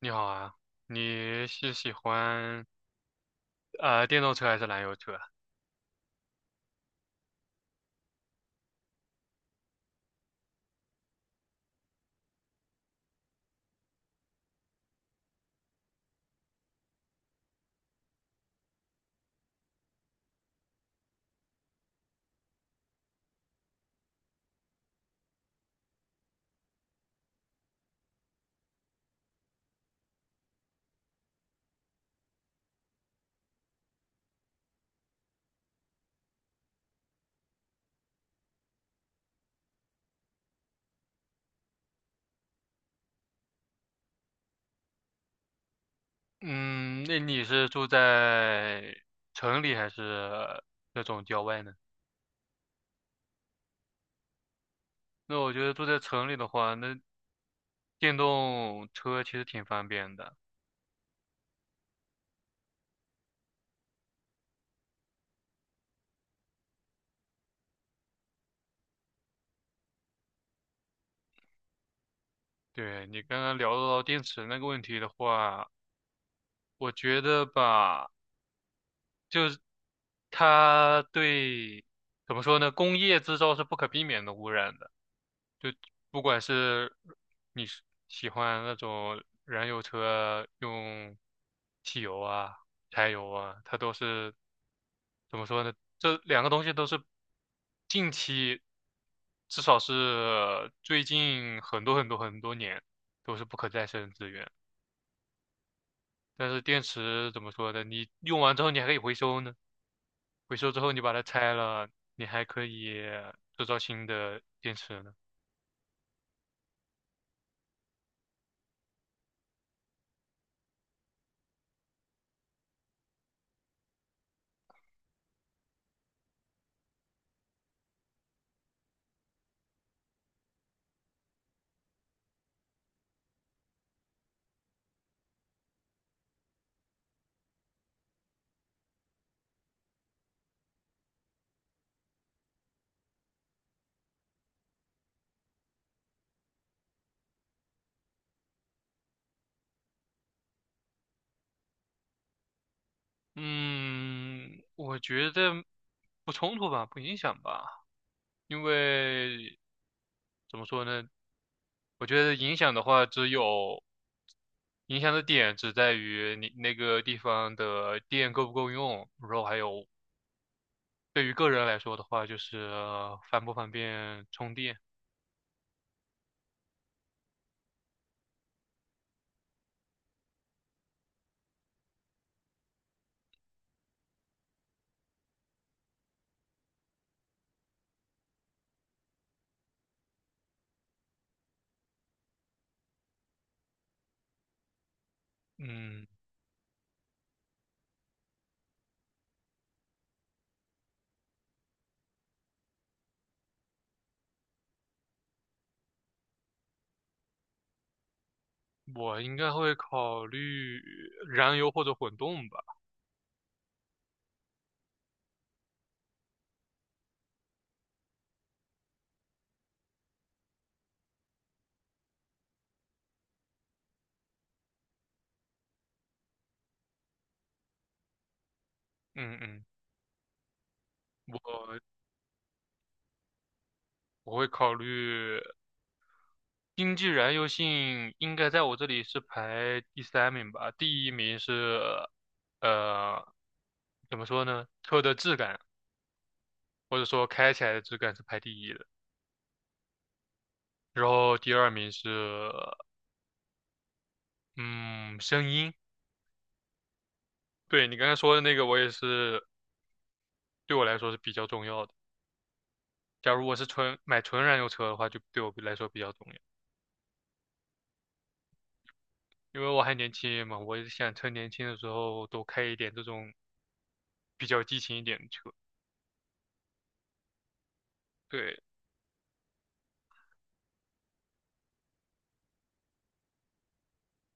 你好啊，你是喜欢电动车还是燃油车？嗯，那你是住在城里还是那种郊外呢？那我觉得住在城里的话，那电动车其实挺方便的。对，你刚刚聊到电池那个问题的话，我觉得吧，就是它对，怎么说呢，工业制造是不可避免的污染的。不管是你是喜欢那种燃油车用汽油啊、柴油啊，它都是怎么说呢？这两个东西都是近期，至少是最近很多很多很多年都是不可再生资源。但是电池怎么说呢？你用完之后你还可以回收呢，回收之后你把它拆了，你还可以制造新的电池呢。嗯，我觉得不冲突吧，不影响吧，因为怎么说呢？我觉得影响的话，只有影响的点只在于你那个地方的电够不够用，然后还有对于个人来说的话，就是方不方便充电。嗯，我应该会考虑燃油或者混动吧。嗯嗯，我我会考虑。经济燃油性应该在我这里是排第三名吧，第一名是呃，怎么说呢？车的质感或者说开起来的质感是排第一的，然后第二名是嗯声音。对你刚才说的那个，我也是对我来说是比较重要的。假如我是纯买纯燃油车的话，就对我来说比较重要，因为我还年轻嘛，我也想趁年轻的时候多开一点这种比较激情一点的车。对，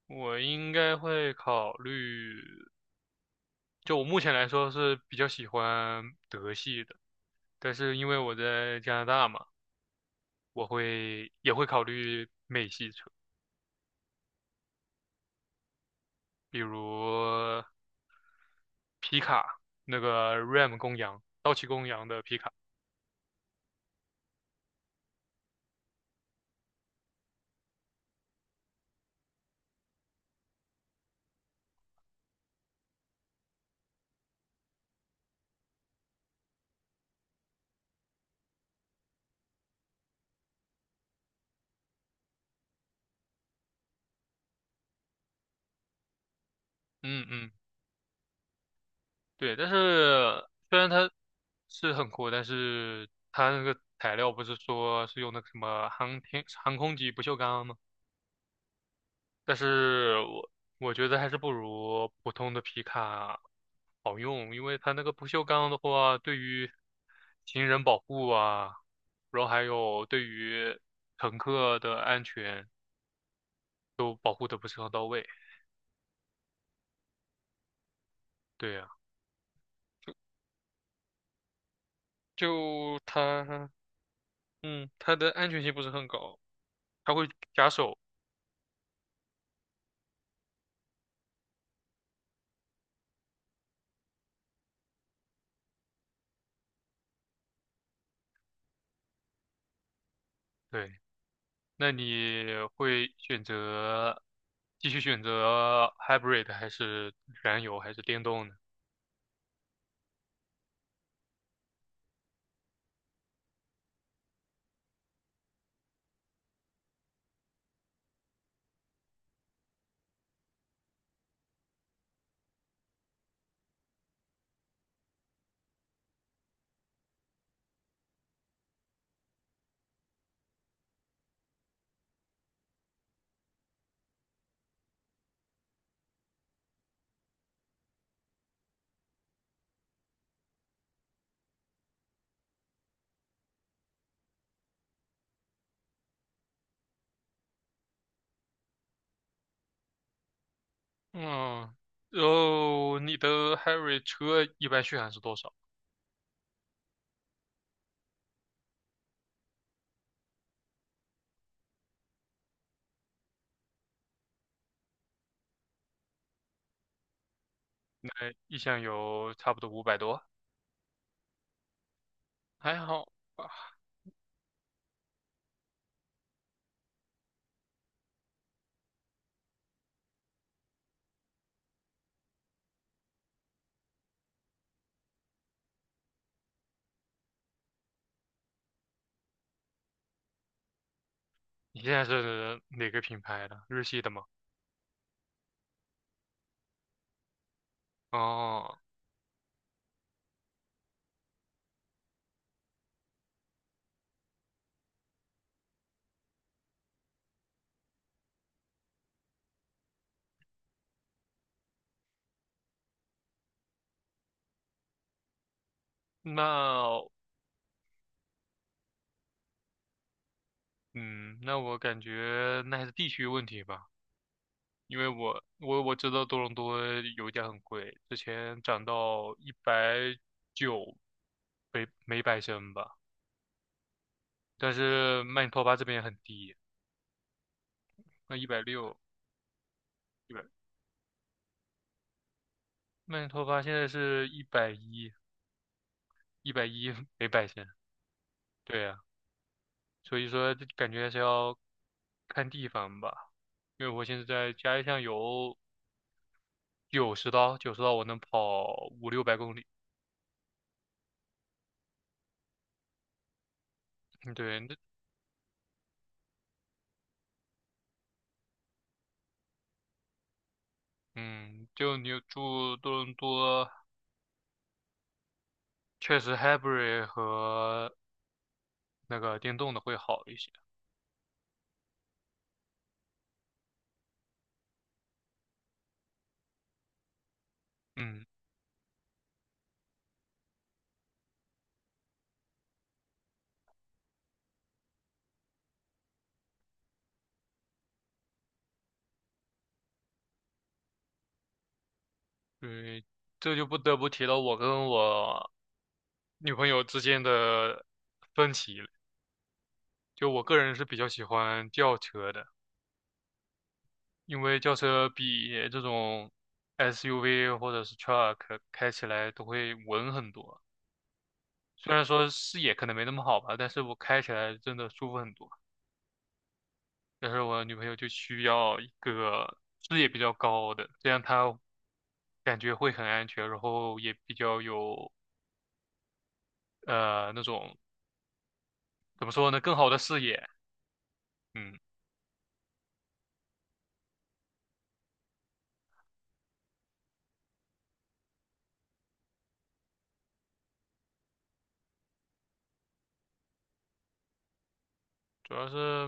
我应该会考虑，就我目前来说是比较喜欢德系的，但是因为我在加拿大嘛，我也会考虑美系车，比如皮卡，那个 Ram 公羊，道奇公羊的皮卡。嗯嗯，对，但是虽然它是很酷，但是它那个材料不是说是用那个什么航天航空级不锈钢吗？但是我觉得还是不如普通的皮卡好用，因为它那个不锈钢的话，对于行人保护啊，然后还有对于乘客的安全都保护的不是很到位。对呀，就它，它的安全性不是很高，它会夹手。对，那你会选择继续选择 hybrid 还是燃油还是电动呢？嗯，然后你的 hybrid 车一般续航是多少？一箱油差不多五百多，还好吧。你现在是哪个品牌的？日系的吗？哦，那嗯，那我感觉那还是地区问题吧，因为我知道多伦多油价很贵，之前涨到190每百升吧，但是曼尼托巴这边很低，那160一百，曼尼托巴现在是一百一每百升，对呀、所以说这感觉还是要看地方吧，因为我现在在家里上有九十刀，九十刀我能跑五六百公里。嗯对，就你住多伦多，确实 hybrid 和那个电动的会好一些。嗯，对，这就不得不提到我跟我女朋友之间的分歧了。就我个人是比较喜欢轿车的。因为轿车比这种 SUV 或者是 truck 开起来都会稳很多，虽然说视野可能没那么好吧，但是我开起来真的舒服很多。但是我女朋友就需要一个视野比较高的，这样她感觉会很安全，然后也比较有那种怎么说呢，更好的视野。嗯，主要是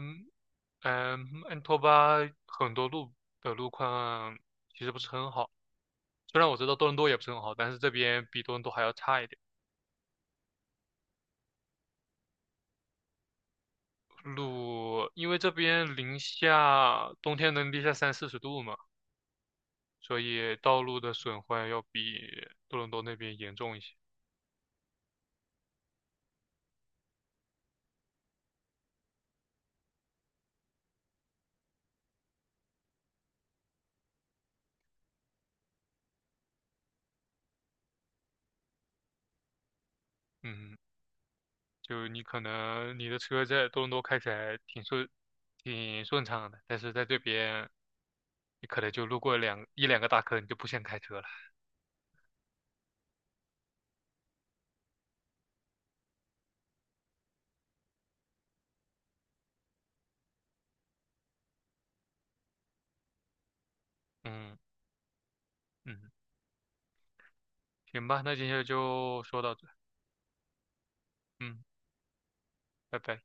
安托巴很多路的路况其实不是很好。虽然我知道多伦多也不是很好，但是这边比多伦多还要差一点。路，因为这边零下，冬天能零下三四十度嘛，所以道路的损坏要比多伦多那边严重一些。嗯，就你可能你的车在多伦多开起来挺顺畅的，但是在这边你可能就路过一两个大坑，你就不想开车了。嗯嗯，行吧，那今天就说到这。嗯，拜拜。